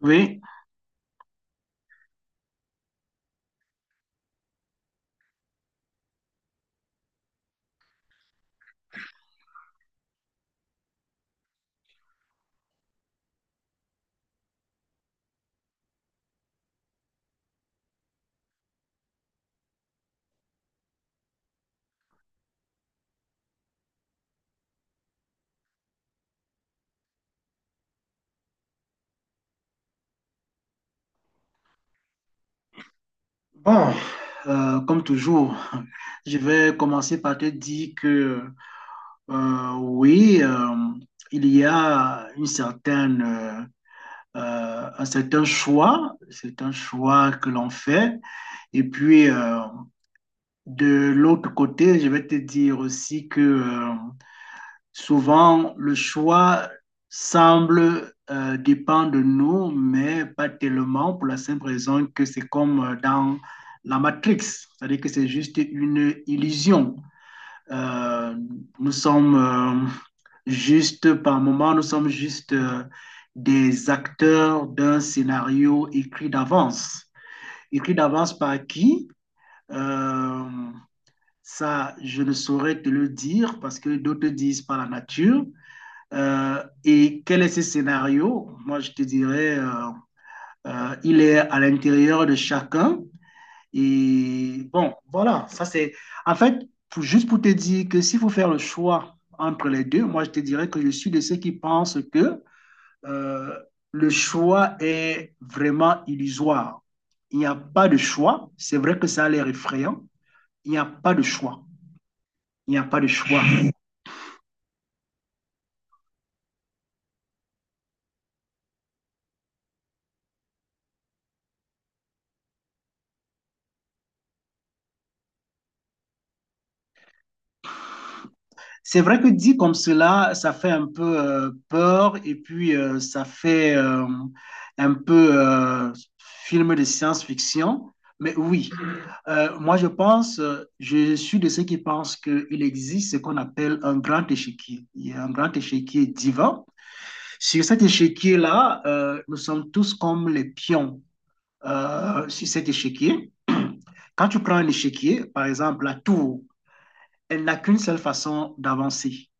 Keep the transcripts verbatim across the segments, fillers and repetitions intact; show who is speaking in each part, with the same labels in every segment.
Speaker 1: Oui, bon, euh, comme toujours, je vais commencer par te dire que euh, oui, euh, il y a une certaine, euh, euh, un certain choix, c'est un choix que l'on fait. Et puis, euh, de l'autre côté, je vais te dire aussi que euh, souvent, le choix semble euh, dépendre de nous, mais pas tellement pour la simple raison que c'est comme euh, dans la Matrix, c'est-à-dire que c'est juste une illusion. Euh, Nous sommes euh, juste, par moment, nous sommes juste euh, des acteurs d'un scénario écrit d'avance. Écrit d'avance par qui? Euh, Ça, je ne saurais te le dire parce que d'autres disent par la nature. Euh, et quel est ce scénario? Moi, je te dirais, euh, euh, il est à l'intérieur de chacun. Et bon, voilà, ça c'est... En fait, pour- juste pour te dire que s'il faut faire le choix entre les deux, moi, je te dirais que je suis de ceux qui pensent que euh, le choix est vraiment illusoire. Il n'y a pas de choix. C'est vrai que ça a l'air effrayant. Il n'y a pas de choix. Il n'y a pas de choix. C'est vrai que dit comme cela, ça fait un peu euh, peur et puis euh, ça fait euh, un peu euh, film de science-fiction. Mais oui, euh, moi je pense, euh, je suis de ceux qui pensent qu'il existe ce qu'on appelle un grand échiquier. Il y a un grand échiquier divin. Sur cet échiquier-là, euh, nous sommes tous comme les pions euh, sur cet échiquier. Quand tu prends un échiquier, par exemple la tour, elle n'a qu'une seule façon d'avancer.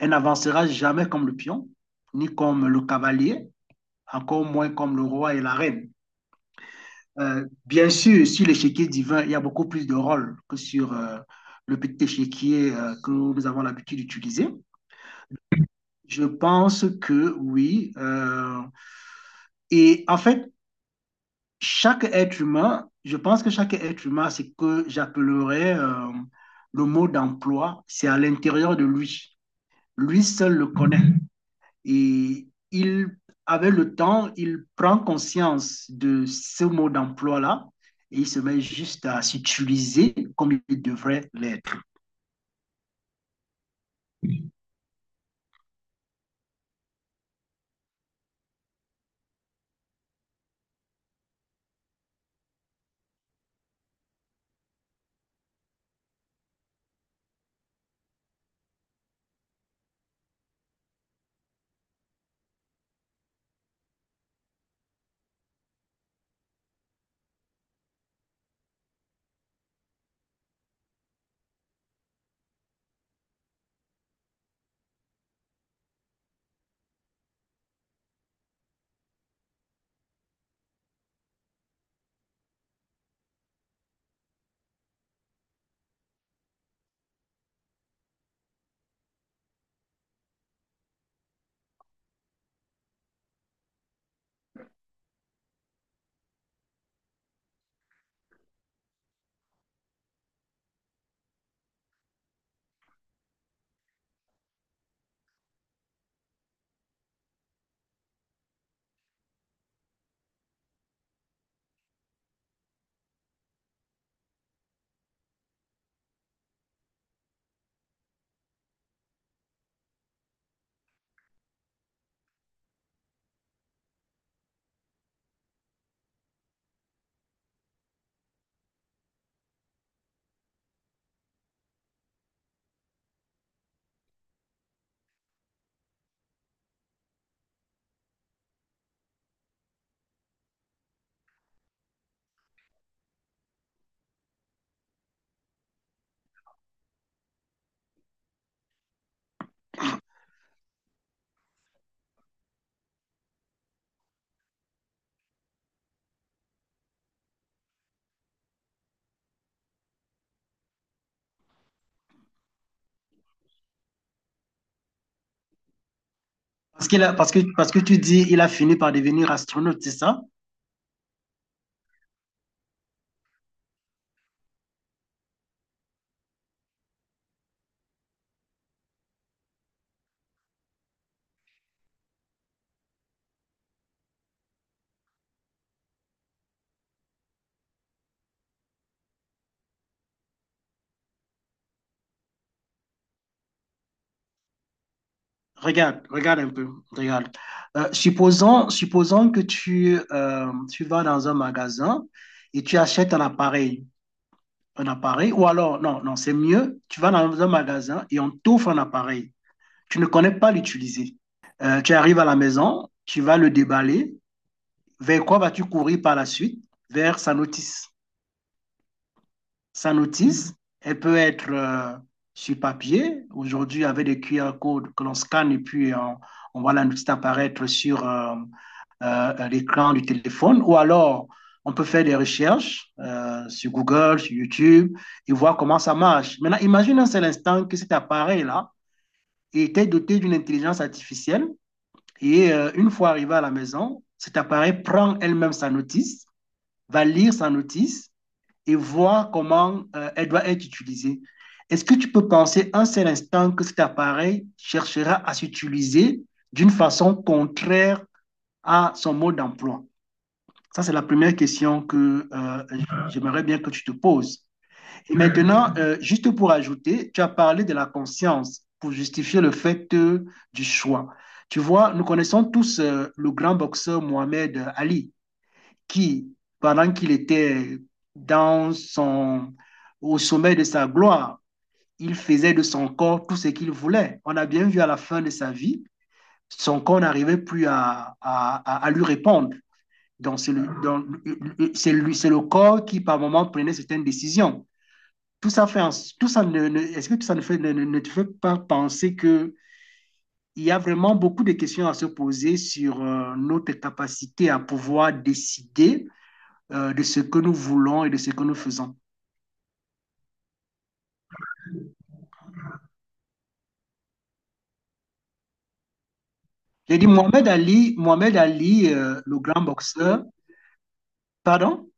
Speaker 1: Elle n'avancera jamais comme le pion, ni comme le cavalier, encore moins comme le roi et la reine. Euh, bien sûr, sur l'échiquier divin, il y a beaucoup plus de rôles que sur euh, le petit échiquier euh, que nous avons l'habitude d'utiliser. Je pense que oui. Euh, et en fait, chaque être humain, je pense que chaque être humain, c'est que j'appellerais euh, le mot d'emploi, c'est à l'intérieur de lui. Lui seul le connaît. Et il, avec le temps, il prend conscience de ce mode d'emploi-là et il se met juste à s'utiliser comme il devrait l'être. Parce, qu'il a- parce, que, parce que tu dis il a fini par devenir astronaute, c'est ça? Regarde, regarde un peu, regarde. Euh, supposons, supposons que tu, euh, tu vas dans un magasin et tu achètes un appareil, un appareil, ou alors, non, non, c'est mieux, tu vas dans un magasin et on t'offre un appareil. Tu ne connais pas l'utiliser. Euh, tu arrives à la maison, tu vas le déballer. Vers quoi vas-tu courir par la suite? Vers sa notice. Sa notice, elle peut être euh, sur papier. Aujourd'hui, avec des Q R codes que l'on scanne et puis on, on voit la notice apparaître sur, euh, euh, l'écran du téléphone, ou alors on peut faire des recherches euh, sur Google, sur YouTube, et voir comment ça marche. Maintenant, imagine un seul instant que cet appareil-là était doté d'une intelligence artificielle, et euh, une fois arrivé à la maison, cet appareil prend elle-même sa notice, va lire sa notice et voir comment euh, elle doit être utilisée. Est-ce que tu peux penser un seul instant que cet appareil cherchera à s'utiliser d'une façon contraire à son mode d'emploi? Ça, c'est la première question que euh, j'aimerais bien que tu te poses. Et maintenant, euh, juste pour ajouter, tu as parlé de la conscience pour justifier le fait euh, du choix. Tu vois, nous connaissons tous euh, le grand boxeur Mohamed Ali, qui, pendant qu'il était dans son, au sommet de sa gloire, il faisait de son corps tout ce qu'il voulait. On a bien vu à la fin de sa vie, son corps n'arrivait plus à, à, à lui répondre. Donc, c'est le, donc, c'est le, c'est le corps qui, par moment, prenait certaines décisions. Tout ça fait, tout ça ne, ne- est-ce que tout ça ne, fait, ne, ne- te fait pas penser que il y a vraiment beaucoup de questions à se poser sur euh, notre capacité à pouvoir décider euh, de ce que nous voulons et de ce que nous faisons. J'ai dit Mohamed Ali, Mohamed Ali, euh, le grand boxeur, pardon?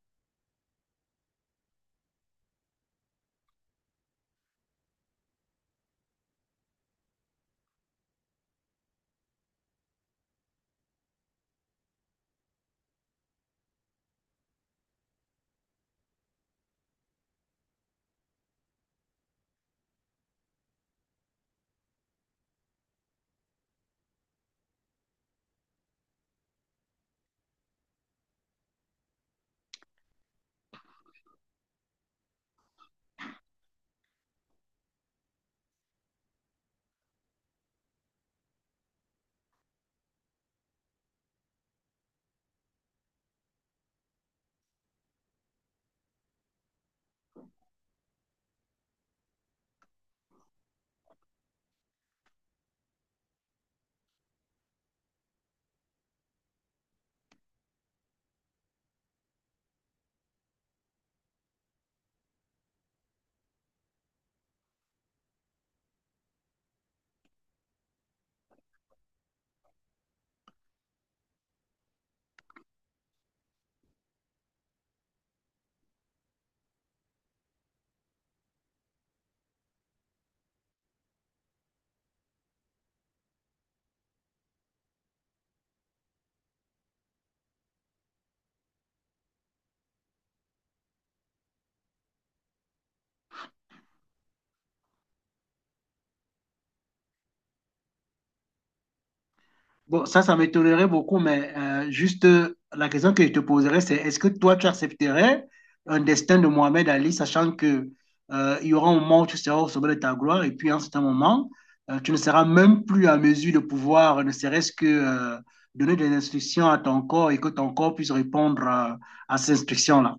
Speaker 1: Bon, ça, ça m'étonnerait beaucoup, mais euh, juste euh, la question que je te poserais, c'est est-ce que toi, tu accepterais un destin de Mohamed Ali, sachant que euh, il y aura un moment où tu seras au sommet de ta gloire, et puis à un certain moment, euh, tu ne seras même plus en mesure de pouvoir, ne serait-ce que euh, donner des instructions à ton corps et que ton corps puisse répondre euh, à ces instructions-là.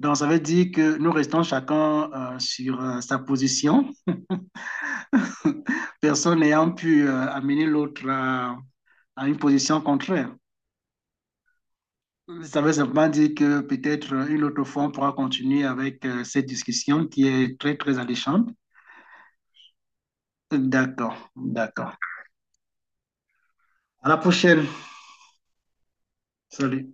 Speaker 1: Donc, ça veut dire que nous restons chacun euh, sur euh, sa position, personne n'ayant pu euh, amener l'autre à à une position contraire. Ça veut simplement dire que peut-être une autre fois, on pourra continuer avec euh, cette discussion qui est très, très alléchante. D'accord, d'accord. À la prochaine. Salut.